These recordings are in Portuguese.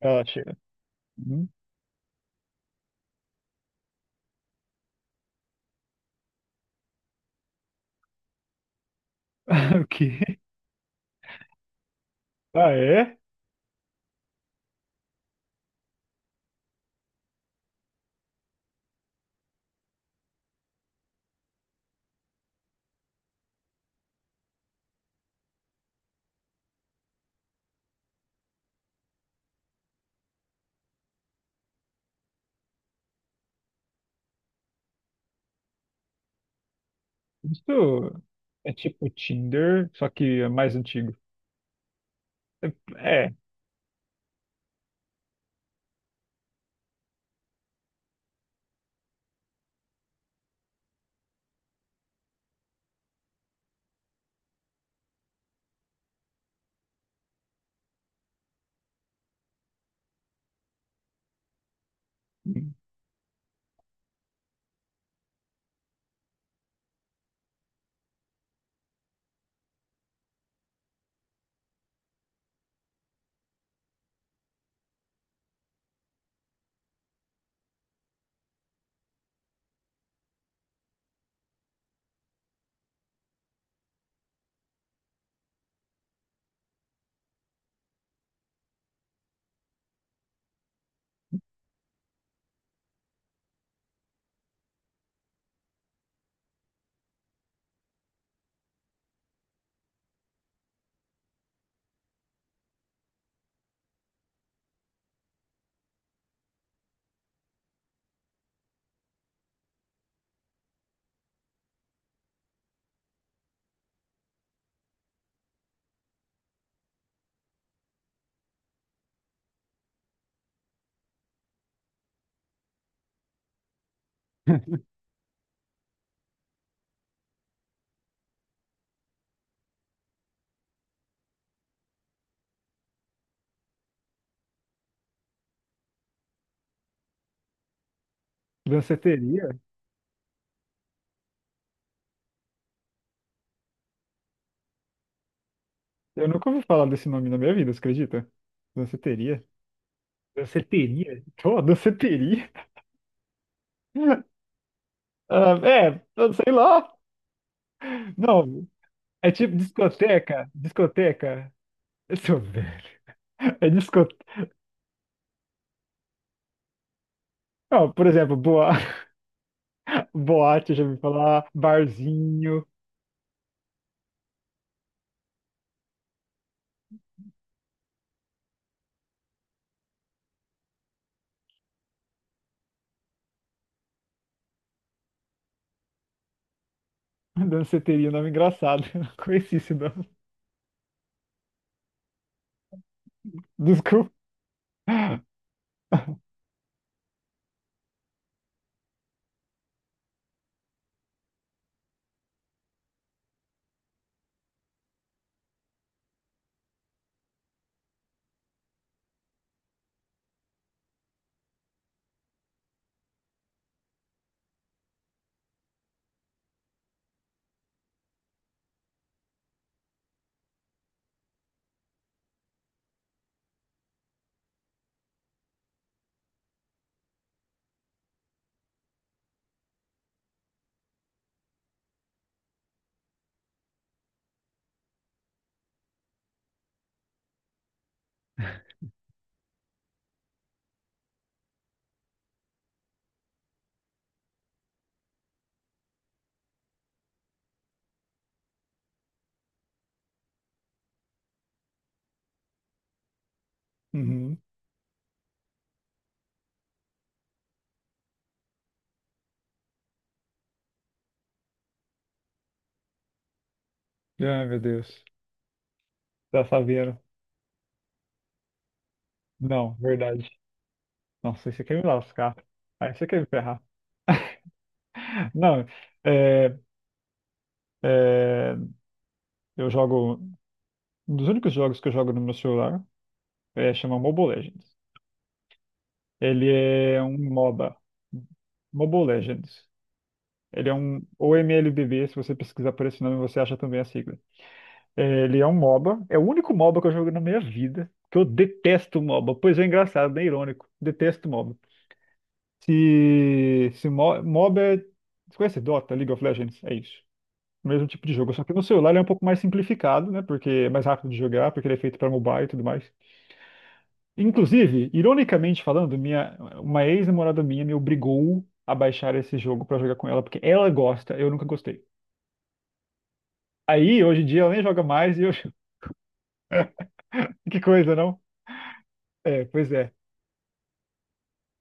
Ela chega. Hum? O quê? Ah, é? Isso é tipo Tinder, só que é mais antigo. É, é. Danceteria? Eu nunca ouvi falar desse nome na minha vida, você acredita? Danceteria? Danceteria? Pô, danceteria? Ah, é, eu sei lá. Não, é tipo discoteca. Discoteca. Eu sou velho. É discoteca. Não, por exemplo, boa... boate, eu já ouvi falar, barzinho. Danceteria, nome engraçado. Eu não conheci esse nome. Desculpa. Uhum. Ai, meu Deus. Já sabia. Não, verdade. Nossa, aí você quer me lascar. Aí você quer me ferrar. Não, é, é, eu jogo. Um dos únicos jogos que eu jogo no meu celular é chama Mobile Legends. Ele é um MOBA. Mobile Legends. Ele é um. Ou MLBB, se você pesquisar por esse nome, você acha também a sigla. É, ele é um MOBA. É o único MOBA que eu jogo na minha vida. Que eu detesto MOBA. Pois é, engraçado, né? Irônico. Detesto MOBA. Se mo- MOBA é. Você conhece Dota, League of Legends? É isso. O mesmo tipo de jogo. Só que no celular ele é um pouco mais simplificado, né? Porque é mais rápido de jogar, porque ele é feito para mobile e tudo mais. Inclusive, ironicamente falando, uma ex-namorada minha me obrigou a baixar esse jogo para jogar com ela, porque ela gosta, eu nunca gostei. Aí, hoje em dia, ela nem joga mais e eu. Que coisa, não? É, pois é.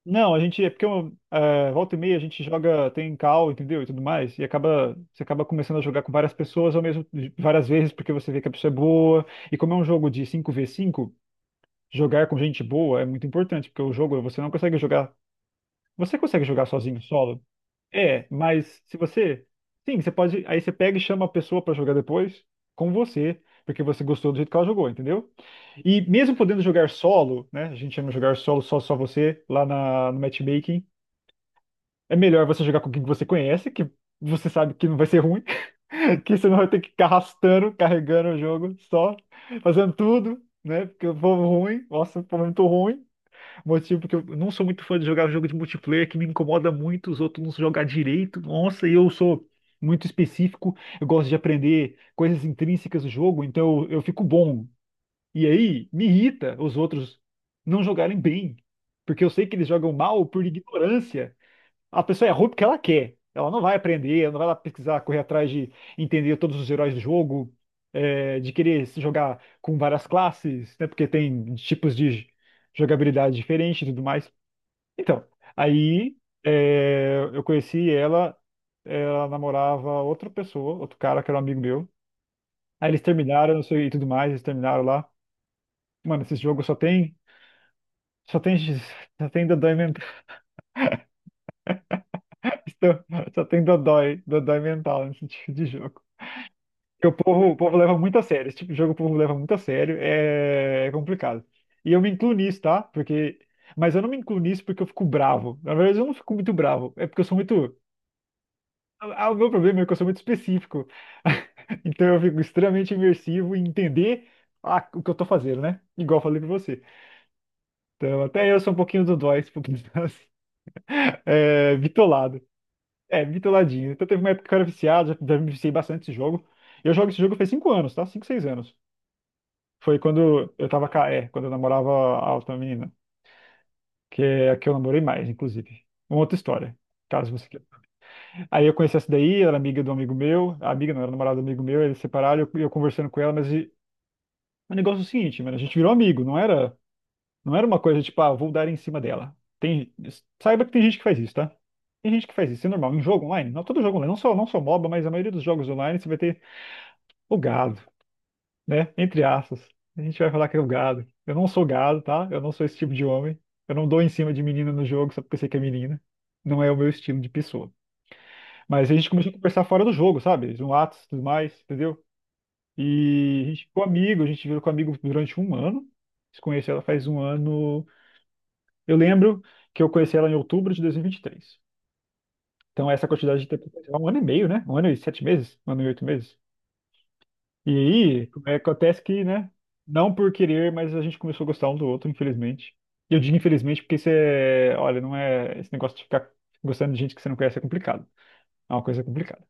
Não, a gente é porque volta e meia a gente joga, tem call, entendeu? E tudo mais, e acaba você acaba começando a jogar com várias pessoas ao mesmo várias vezes porque você vê que a pessoa é boa. E como é um jogo de cinco v cinco, jogar com gente boa é muito importante, porque o jogo você não consegue jogar, você consegue jogar sozinho, solo. É, mas se você, sim, você pode, aí você pega e chama a pessoa pra jogar depois com você, porque você gostou do jeito que ela jogou, entendeu? E mesmo podendo jogar solo, né? A gente chama de jogar solo, só você lá na, no matchmaking, é melhor você jogar com quem que você conhece, que você sabe que não vai ser ruim, que você não vai ter que ficar arrastando, carregando o jogo só, fazendo tudo, né? Porque o povo ruim, nossa, o povo é muito ruim. Motivo porque eu não sou muito fã de jogar jogo de multiplayer, que me incomoda muito os outros não jogar direito. Nossa, e eu sou muito específico, eu gosto de aprender coisas intrínsecas do jogo, então eu fico bom. E aí me irrita os outros não jogarem bem, porque eu sei que eles jogam mal por ignorância. A pessoa é ruim porque ela quer. Ela não vai aprender, ela não vai lá pesquisar, correr atrás de entender todos os heróis do jogo, é, de querer se jogar com várias classes, né? Porque tem tipos de jogabilidade diferente e tudo mais. Então, aí é, eu conheci ela, ela namorava outra pessoa, outro cara que era um amigo meu. Aí eles terminaram, não sei, e tudo mais, eles terminaram lá. Mano, esse jogo só tem. Só tem, só tem dodói mental. Dodói mental nesse tipo de jogo. Porque o povo leva muito a sério. Esse tipo de jogo o povo leva muito a sério. É complicado. E eu me incluo nisso, tá? Porque. Mas eu não me incluo nisso porque eu fico bravo. Na verdade, eu não fico muito bravo. É porque eu sou muito. Ah, o meu problema é que eu sou muito específico. Então eu fico extremamente imersivo em entender ah, o que eu tô fazendo, né? Igual eu falei pra você. Então, até eu sou um pouquinho do dói, um pouquinho assim, é, bitolado. É, bitoladinho. Então teve uma época que eu era viciado, já me viciei bastante esse jogo. Eu jogo esse jogo faz 5 anos, tá? Cinco, 6 anos. Foi quando eu tava ca- é, quando eu namorava a outra menina, que é a que eu namorei mais, inclusive. Uma outra história, caso você queira. Aí eu conheci essa daí, ela era amiga do amigo meu, a amiga não, era namorada do amigo meu, eles se separaram, eu conversando com ela, mas e- o negócio é o seguinte, mano, a gente virou amigo, não era uma coisa tipo, ah, vou dar em cima dela. Tem, saiba que tem gente que faz isso, tá? Tem gente que faz isso, é normal. Em jogo online, não todo jogo online, não só MOBA, mas a maioria dos jogos online você vai ter o gado, né? Entre aspas. A gente vai falar que é o gado. Eu não sou gado, tá? Eu não sou esse tipo de homem. Eu não dou em cima de menina no jogo só porque sei que é menina. Não é o meu estilo de pessoa. Mas a gente começou a conversar fora do jogo, sabe? No Atos e tudo mais, entendeu? E a gente ficou amigo, a gente virou com amigo durante 1 ano. Conheci ela faz 1 ano. Eu lembro que eu conheci ela em outubro de 2023. Então, essa quantidade de tempo, 1 ano e meio, né? 1 ano e 7 meses? 1 ano e 8 meses? E aí, é, acontece que, né? Não por querer, mas a gente começou a gostar um do outro, infelizmente. E eu digo infelizmente porque isso é, olha, não é esse negócio de ficar gostando de gente que você não conhece, é complicado. É uma coisa complicada.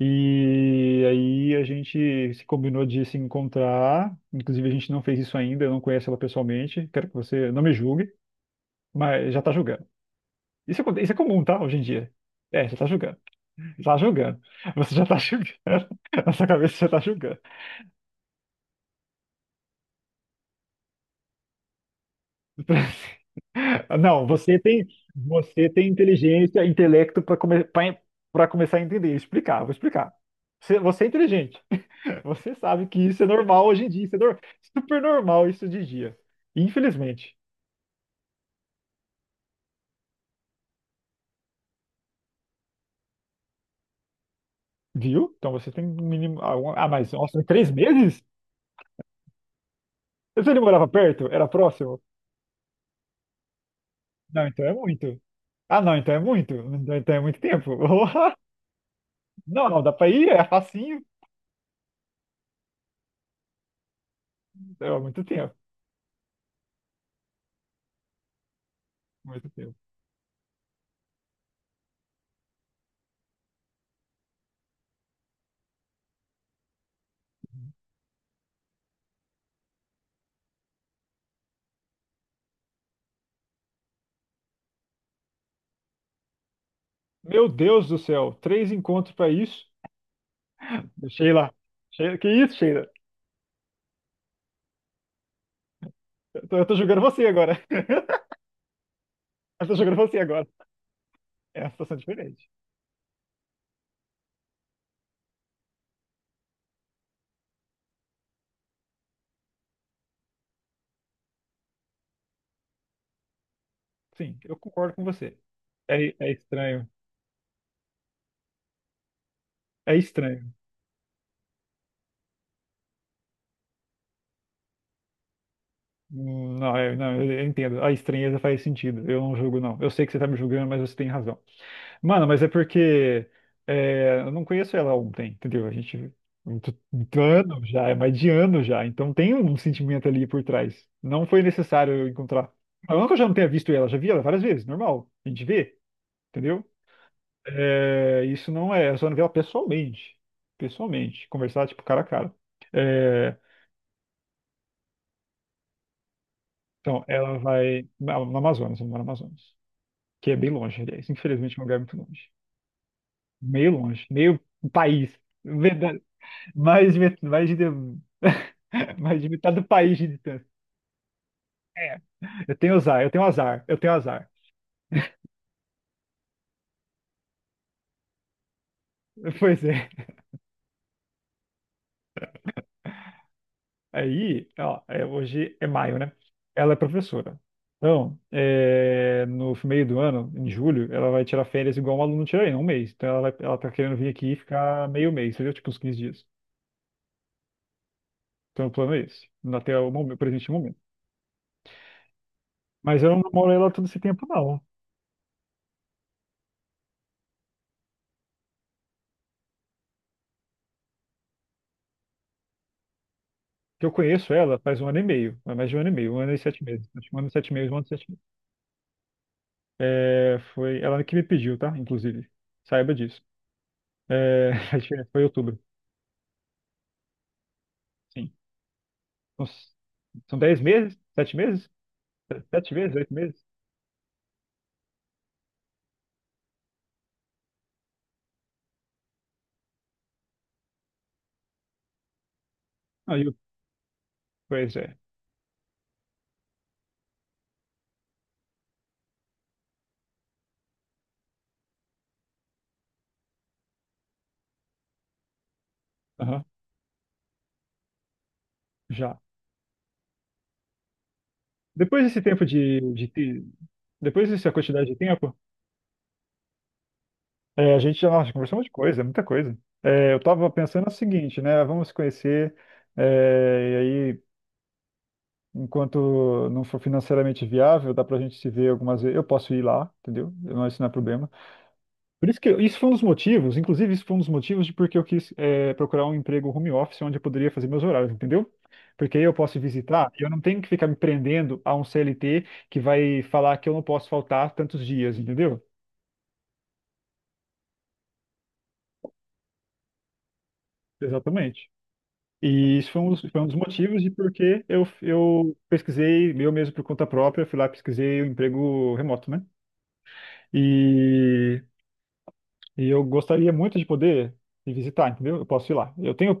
E aí a gente se combinou de se encontrar. Inclusive a gente não fez isso ainda, eu não conheço ela pessoalmente. Quero que você não me julgue, mas já tá julgando. Isso, aconte- isso é comum, tá? Hoje em dia. É, já tá julgando. Já tá julgando. Você já tá julgando. Na sua cabeça você já tá julgando. Ah, não, você tem inteligência, intelecto para come, para começar a entender. Explicar, vou explicar. Você é inteligente. Você sabe que isso é normal hoje em dia. Isso é nor- super normal isso de dia. Infelizmente. Viu? Então você tem um mínimo. Ah, um- ah, mas nossa, em 3 meses? Você ele morava perto? Era próximo? Não, então é muito. Ah, não, então é muito. Então é muito tempo. Não, não, dá pra ir, é facinho. É muito tempo. Muito tempo. Meu Deus do céu, 3 encontros pra isso. Sheila. Sheila. Que isso, Sheila? Eu tô julgando você agora. Eu tô jogando você agora. É uma situação diferente. Sim, eu concordo com você. É estranho. É estranho. Não, é- não, eu entendo. A estranheza faz sentido. Eu não julgo, não. Eu sei que você tá me julgando, mas você tem razão. Mano, mas é porque é, eu não conheço ela ontem, entendeu? A gente. Muito, muito ano já, é mais de ano já. Então tem um sentimento ali por trás. Não foi necessário eu encontrar. Não que eu já não tenha visto ela, já vi ela várias vezes, normal. A gente vê, entendeu? É, isso não é, eu só não vi ela pessoalmente. Pessoalmente, conversar tipo cara a cara. É, então, ela vai na no Amazonas, ela mora no Amazonas, que é bem longe, aliás. Infelizmente, é um lugar muito longe. Meio longe, meio país. Verdade. Mais, de met- mais de, mais de metade do país de distância. É, eu tenho azar, eu tenho azar, eu tenho azar. Pois é. Aí, ó, é- hoje é maio, né? Ela é professora. Então, é, no meio do ano, em julho, ela vai tirar férias igual um aluno tira aí, 1 mês. Então, ela, vai, ela tá querendo vir aqui e ficar meio mês, entendeu? Tipo, uns 15 dias. Então, o plano é esse, até o momento, presente momento. Mas eu não namoro ela todo esse tempo, não. Que eu conheço ela faz 1 ano e meio, é mais de 1 ano e meio, 1 ano e 7 meses. Acho que 1 ano e 7 meses, um ano e sete meses. É, foi ela que me pediu, tá? Inclusive, saiba disso. É, a gente- foi em outubro. Sim. Uns- são 10 meses? 7 meses? 7 meses? 8 meses? Não, e o- pois é. Aham, já. Depois desse tempo de, te- depois dessa quantidade de tempo, é, a gente já nossa, conversou um monte de coisa, muita coisa. É, eu estava pensando o seguinte, né? Vamos se conhecer, é, e aí, enquanto não for financeiramente viável, dá pra gente se ver algumas vezes. Eu posso ir lá, entendeu? Não, isso não é problema. Por isso que isso foi um dos motivos, inclusive isso foi um dos motivos de porque eu quis procurar um emprego home office onde eu poderia fazer meus horários, entendeu? Porque aí eu posso visitar e eu não tenho que ficar me prendendo a um CLT que vai falar que eu não posso faltar tantos dias, entendeu? Exatamente. E isso foi um dos motivos de porque eu pesquisei, eu mesmo por conta própria, fui lá e pesquisei o emprego remoto, né? E E eu gostaria muito de poder ir visitar, entendeu? Eu posso ir lá. Eu tenho,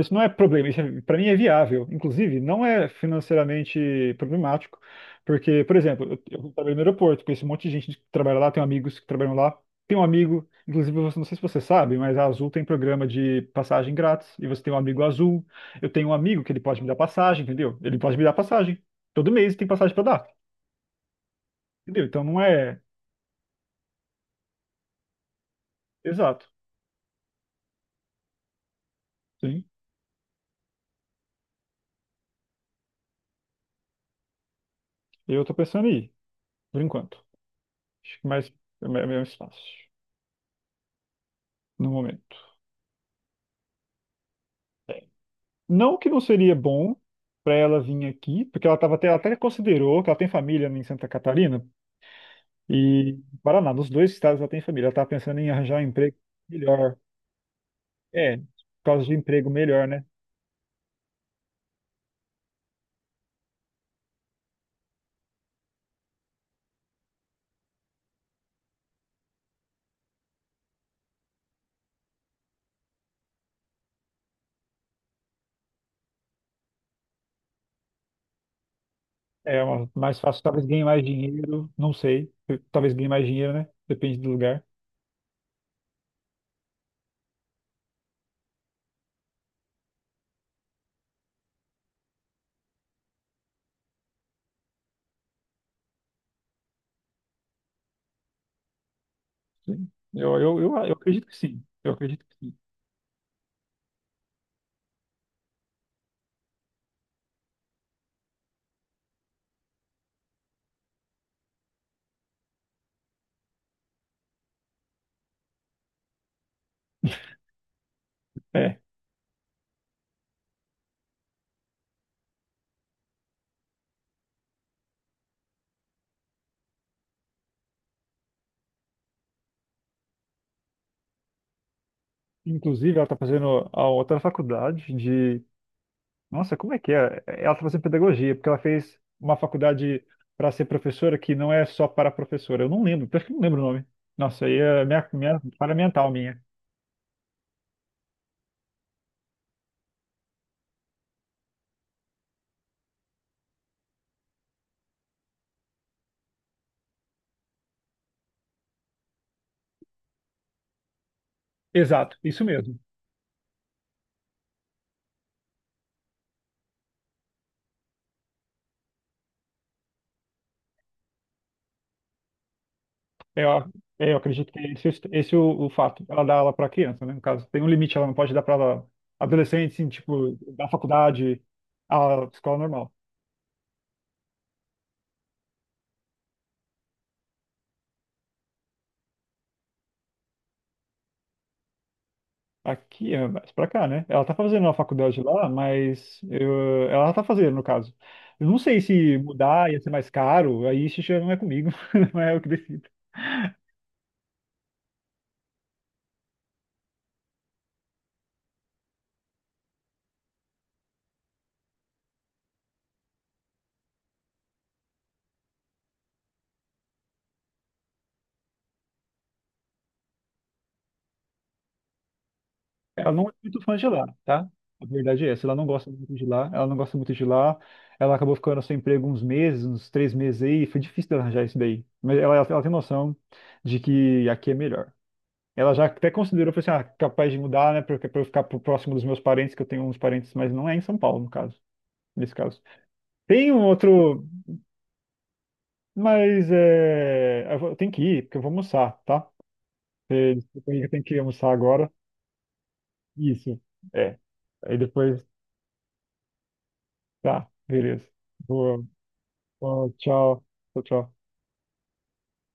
isso não é problema, isso para mim é viável. Inclusive, não é financeiramente problemático, porque, por exemplo, eu trabalho no aeroporto, conheço um monte de gente que trabalha lá, tenho amigos que trabalham lá. Tem um amigo, inclusive, você, não sei se você sabe, mas a Azul tem programa de passagem grátis, e você tem um amigo Azul. Eu tenho um amigo que ele pode me dar passagem, entendeu? Ele pode me dar passagem. Todo mês tem passagem para dar, entendeu? Então não é exato. Sim, eu tô pensando em ir, por enquanto. Acho que mais é mais fácil no momento. Não que não seria bom para ela vir aqui, porque ela até considerou que ela tem família em Santa Catarina e em Paraná, nos dois estados ela tem família. Ela estava pensando em arranjar um emprego melhor. É, por causa de emprego melhor, né? Mais fácil, talvez ganhe mais dinheiro, não sei. Talvez ganhe mais dinheiro, né? Depende do lugar. Sim. Eu acredito que sim. Eu acredito que sim. É. Inclusive, ela está fazendo a outra faculdade de... Nossa, como é que é? Ela está fazendo pedagogia, porque ela fez uma faculdade para ser professora que não é só para professora. Eu não lembro, acho que não lembro o nome. Nossa, aí é minha, minha falha mental minha. Exato, isso mesmo. É, ó, é, eu acredito que esse é o fato. Ela dá aula para criança, né? No caso, tem um limite, ela não pode dar para adolescente, assim, tipo, da faculdade à escola normal. Aqui é mais pra cá, né? Ela tá fazendo a faculdade lá, mas ela tá fazendo, no caso. Eu não sei se mudar ia ser mais caro, aí isso já não é comigo, não é eu que decido. Ela não é muito fã de lá, tá? A verdade é essa, ela não gosta muito de lá, ela não gosta muito de lá. Ela acabou ficando sem emprego uns meses, uns 3 meses aí, foi difícil dela arranjar isso daí. Mas ela tem noção de que aqui é melhor. Ela já até considerou, falou assim, ah, capaz de mudar, né, pra eu ficar próximo dos meus parentes, que eu tenho uns parentes, mas não é em São Paulo, no caso, nesse caso. Tem um outro, mas é, tem que ir, porque eu vou almoçar, tá? É, desculpa aí, que eu tenho que almoçar agora. Isso, é. Aí depois, tá, beleza. Boa, boa, tchau, tchau, tchau.